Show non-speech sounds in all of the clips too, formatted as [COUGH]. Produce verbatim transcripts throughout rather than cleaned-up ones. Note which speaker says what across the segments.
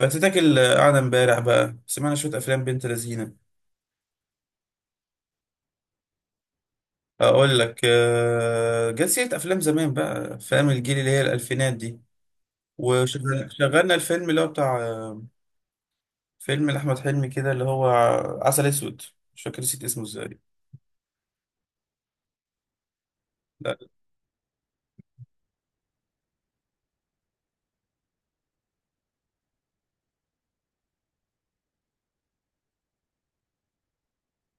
Speaker 1: فاتتاكل قاعدة امبارح بقى سمعنا شوية أفلام بنت لذينة. أقول لك آه، جت سيرة أفلام زمان بقى فاهم الجيل اللي هي الألفينات دي. وشغلنا الفيلم اللي هو بتاع آه، فيلم لأحمد حلمي كده اللي هو عسل أسود. مش فاكر نسيت اسمه ازاي.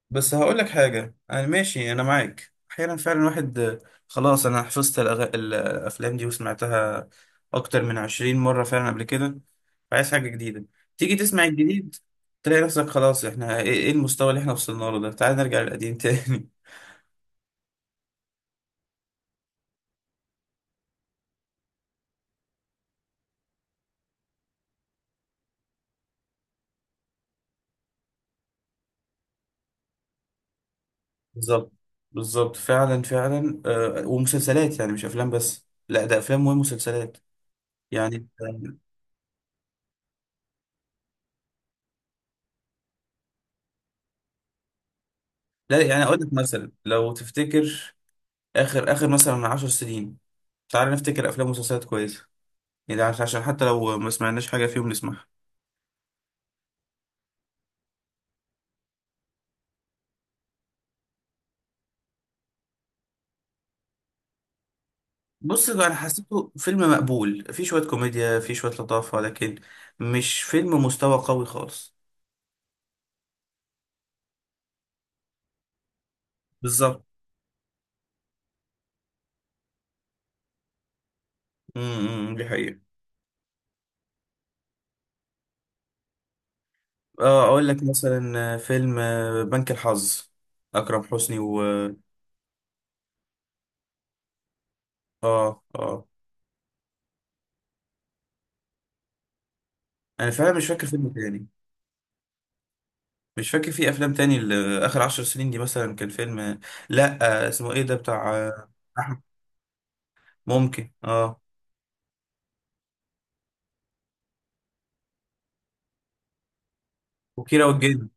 Speaker 1: بس هقول لك حاجة، أنا ماشي أنا معاك أحيانا فعلا واحد آه، خلاص أنا حفظت الأغ... الأفلام دي وسمعتها أكتر من عشرين مرة فعلا قبل كده. عايز حاجة جديدة. تيجي تسمع الجديد، تلاقي نفسك خلاص إحنا إيه، إيه المستوى اللي إحنا وصلنا له ده، تعال نرجع للقديم تاني. [LAUGHS] بالظبط. بالظبط فعلا فعلا، آه، ومسلسلات يعني مش أفلام بس، لا ده أفلام ومسلسلات يعني. لا يعني أقول لك مثلا لو تفتكر آخر آخر مثلا من عشر سنين، تعال نفتكر أفلام ومسلسلات كويسة، يعني ده عشان حتى لو ما سمعناش حاجة فيهم نسمعها. بص انا حسيته فيلم مقبول، فيه شوية كوميديا فيه شوية لطافة، لكن مش فيلم مستوى قوي خالص. بالظبط. امم، دي حقيقة. اه اقول لك مثلا آه، فيلم آه، بنك الحظ، اكرم حسني و... اه اه. انا فعلا مش فاكر فيلم تاني. مش فاكر في افلام تاني ل- اخر عشر سنين دي. مثلا كان فيلم آه، لا آه، اسمه ايه ده بتاع آه، احمد. ممكن اه. وكيرة والجن.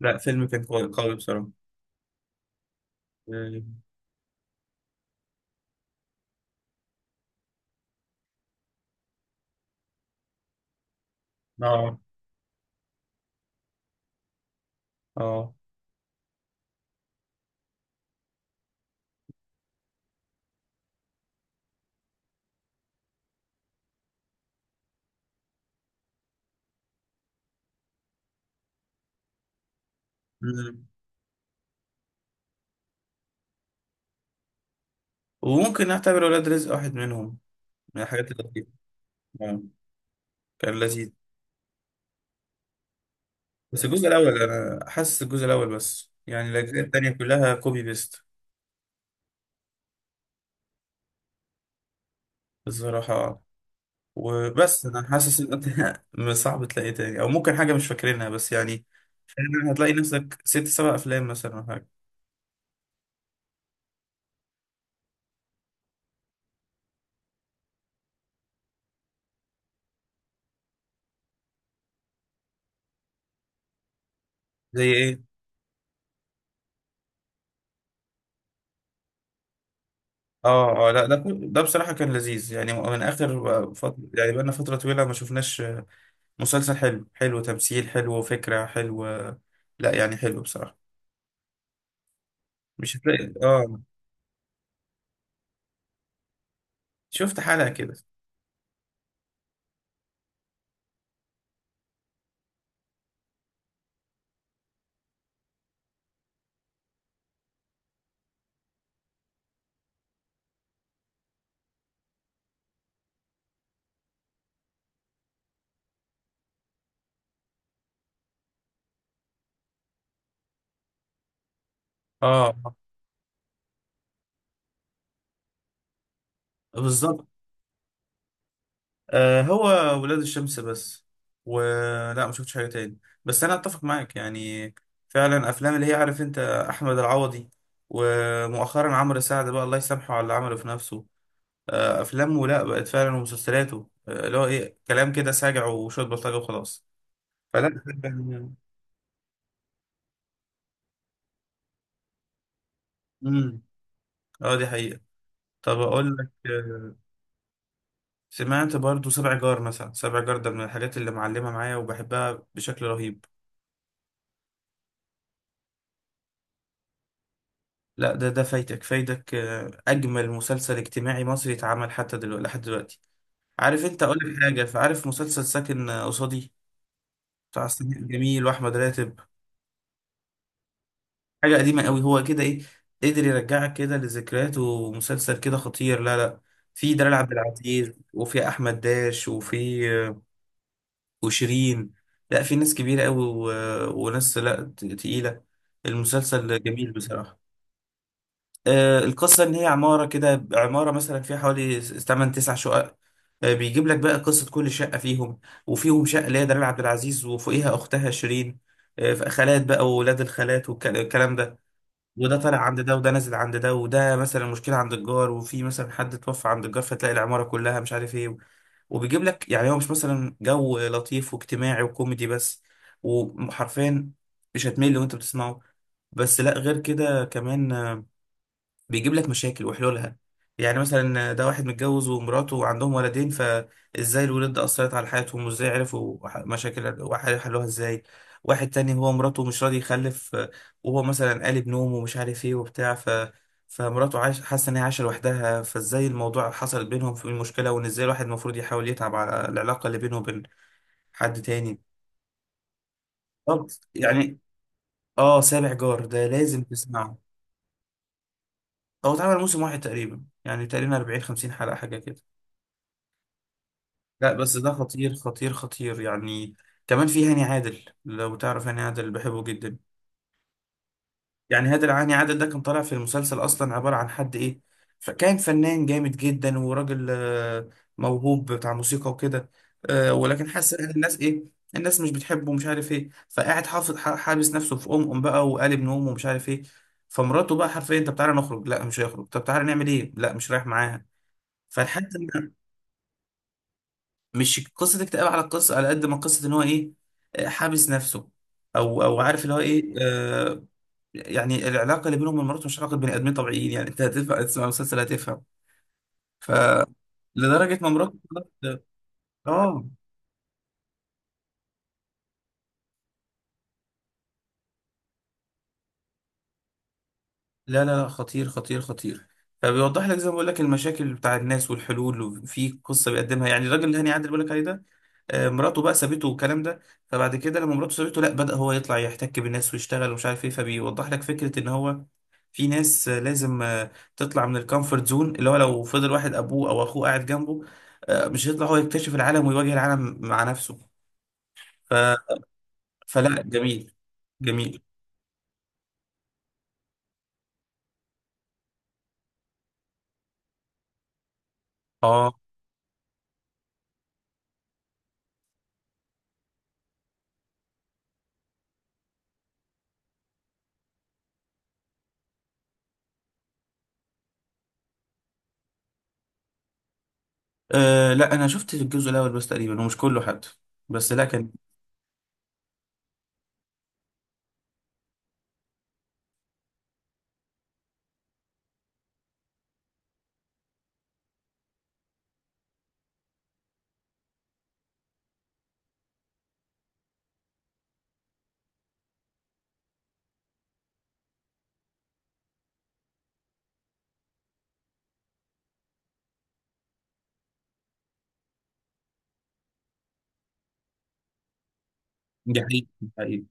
Speaker 1: لا فيلم كان قوي قوي بصراحة. اه اه. مم. وممكن نعتبر ولاد رزق واحد منهم، من الحاجات اللطيفة. آه. كان لذيذ. بس الجزء الأول أنا حاسس الجزء الأول بس يعني الأجزاء التانية كلها كوبي بيست. الصراحة. وبس أنا حاسس إن أنت [LAUGHS] صعب تلاقي تاني، أو ممكن حاجة مش فاكرينها بس يعني. فعلاً هتلاقي نفسك ست سبع أفلام مثلا أو حاجة. زي إيه؟ آه آه، لا ده كل- ده بصراحة كان لذيذ يعني، من آخر فترة، يعني بقالنا فترة طويلة ما شفناش مسلسل حلو، حلو تمثيل، حلو فكرة، حلو. لا يعني حلو بصراحة. مش هتلاقي اه. شفت حلقة كده. اه بالظبط. آه هو ولاد الشمس بس، ولا ما شفتش حاجة تاني. بس انا اتفق معاك يعني. فعلا افلام اللي هي عارف انت احمد العوضي، ومؤخرا عمرو سعد بقى الله يسامحه على اللي عمله في نفسه. آه افلامه لا بقت فعلا، ومسلسلاته آه، اللي هو ايه كلام كده ساجع وشوية بلطجة وخلاص. فلا. امم. اه دي حقيقة. طب اقول لك آه، سمعت برضو سبع جار، مثلا سبع جار ده من الحاجات اللي معلمة معايا وبحبها بشكل رهيب. لا ده ده فايتك فايتك آه، اجمل مسلسل اجتماعي مصري اتعمل حتى دلوقتي لحد دلوقتي. عارف انت، اقول لك حاجة، فعارف مسلسل ساكن آه، قصادي، بتاع سمير جميل واحمد راتب. حاجة قديمة قوي، هو كده ايه، قدر يرجعك كده لذكريات، ومسلسل كده خطير لا لا. في دلال عبد العزيز وفي احمد داش وفي وشيرين. لا في ناس كبيرة قوي و... وناس لا ت- تقيلة. المسلسل جميل بصراحة. آه القصة إن هي عمارة كده، عمارة مثلا فيها حوالي س- تمن تسع شقق. آه بيجيب لك بقى قصة كل شقة فيهم. وفيهم شقة اللي هي دلال عبد العزيز وفوقيها أختها شيرين. آه خالات بقى وولاد الخالات والكلام ده، وده طالع عند ده، وده نازل عند ده، وده مثلا مشكلة عند الجار، وفي مثلا حد توفى عند الجار، فتلاقي العمارة كلها مش عارف ايه. وبيجيب لك يعني هو مش مثلا جو لطيف واجتماعي وكوميدي بس، وحرفيا مش هتمل وانت بتسمعه. بس لا غير كده كمان، بيجيب لك مشاكل وحلولها. يعني مثلا ده واحد متجوز ومراته وعندهم ولدين، فازاي الولاد ده اثرت على حياتهم، وازاي عرفوا ح- مشاكل وحلوها ازاي. واحد تاني هو مراته مش راضي يخلف آه، وهو مثلا قالب نوم ومش عارف ايه وبتاع ف فمراته عايش، حاسه ان هي عايشه لوحدها، فازاي الموضوع حصل بينهم في المشكله، وان ازاي الواحد المفروض يحاول يتعب على العلاقه اللي بينه وبين حد تاني. طب، يعني، اه سابع جار ده لازم تسمعه. هو اتعمل موسم واحد تقريبا، يعني تقريبا أربعين خمسين حلقه حاجه كده. لا بس ده خطير خطير خطير يعني. كمان في هاني عادل، لو تعرف هاني عادل بحبه جدا. يعني هادل هاني عادل ده كان طالع في المسلسل اصلا عبارة عن حد ايه، فكان فنان جامد جدا وراجل آه، موهوب بتاع موسيقى وكده. آه، ولكن حاسس ان الناس ايه، الناس مش بتحبه ومش عارف ايه، فقاعد حافظ ح- حابس نفسه في ام ام بقى وقالب نوم ومش عارف ايه. فمراته بقى حرفيا، طب تعالى نخرج، لا مش هيخرج، طب تعالى نعمل ايه، لا مش رايح معاها. فلحد، مش قصة اكتئاب على القصة، على قد ما قصة ان هو ايه، آه، حابس نفسه، او او عارف اللي هو ايه آه. يعني العلاقة اللي بينهم ومراته مش علاقة بني ادمين طبيعيين يعني، انت هتدفع تسمع مسلسل هتفهم. ف لدرجة ما مراته. [LAUGHS] اه. لا لا لا خطير خطير خطير. فبيوضح لك زي ما بقول لك المشاكل بتاع الناس والحلول، وفي قصه بيقدمها يعني الراجل اللي هاني عادل بيقول لك عليه ده. آه، مراته بقى سابته والكلام ده. فبعد كده لما مراته سابته لا، بدأ هو يطلع يحتك بالناس ويشتغل ومش عارف ايه. فبيوضح لك فكره ان هو في ناس آه، لازم آه، تطلع من الكومفورت زون. اللي هو لو فضل واحد ابوه او اخوه قاعد جنبه آه، مش هيطلع هو يكتشف العالم ويواجه العالم مع نفسه. ف... فلا جميل. جميل اه. أه لا انا شفت الجزء الاول بس تقريبا، ومش كله حتى، بس لا كان. دي حقيقة دي حقيقة.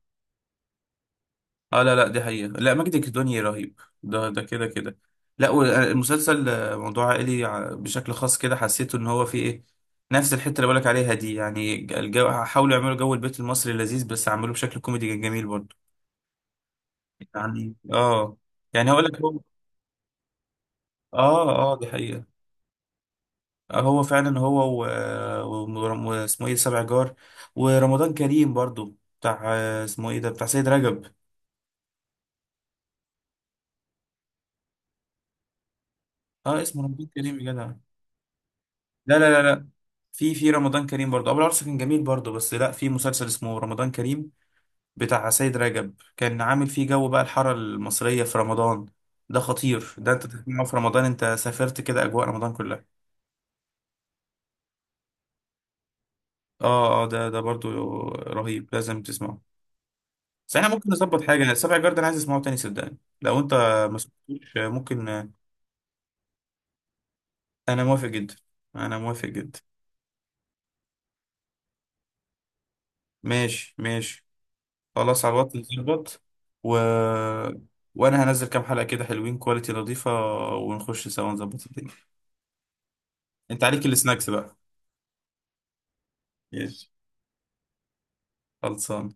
Speaker 1: اه لا لا دي حقيقة، لا ماجد الكدواني رهيب، ده ده كده كده. لا والمسلسل آه، موضوع عائلي ع- بشكل خاص كده حسيته ان هو فيه ايه، نفس الحتة اللي بقولك عليها دي يعني. الجو حاولوا يعملوا جو البيت المصري اللذيذ، بس عملوه بشكل كوميدي جميل برضه. يعني اه. يعني هقول لك هو. اه اه دي حقيقة. هو فعلا هو و- و- واسمه ايه سبع جار. ورمضان كريم برضو بتاع آه، اسمه ايه ده بتاع سيد رجب. اه اسمه رمضان كريم يا جدع. لا لا لا لا. في في رمضان كريم برضو ابو العروسه كان جميل برضو، بس لا في مسلسل اسمه رمضان كريم بتاع سيد رجب كان عامل فيه جو بقى الحاره المصريه في رمضان. ده خطير، ده انت تسمعه في رمضان انت سافرت كده اجواء رمضان كلها. اه اه ده ده برضو رهيب، لازم تسمعه. بس احنا ممكن نظبط حاجة، السبع جارد انا عايز اسمعه تاني صدقني، لو انت ما سمعتوش، ممكن. انا موافق جدا. انا موافق جدا. ماشي ماشي. خلاص على الوقت نظبط. و... وانا هنزل كام حلقة كده حلوين، كواليتي نظيفة، ونخش سوا نظبط الدنيا. انت عليك السناكس بقى. ماشي. خلصان.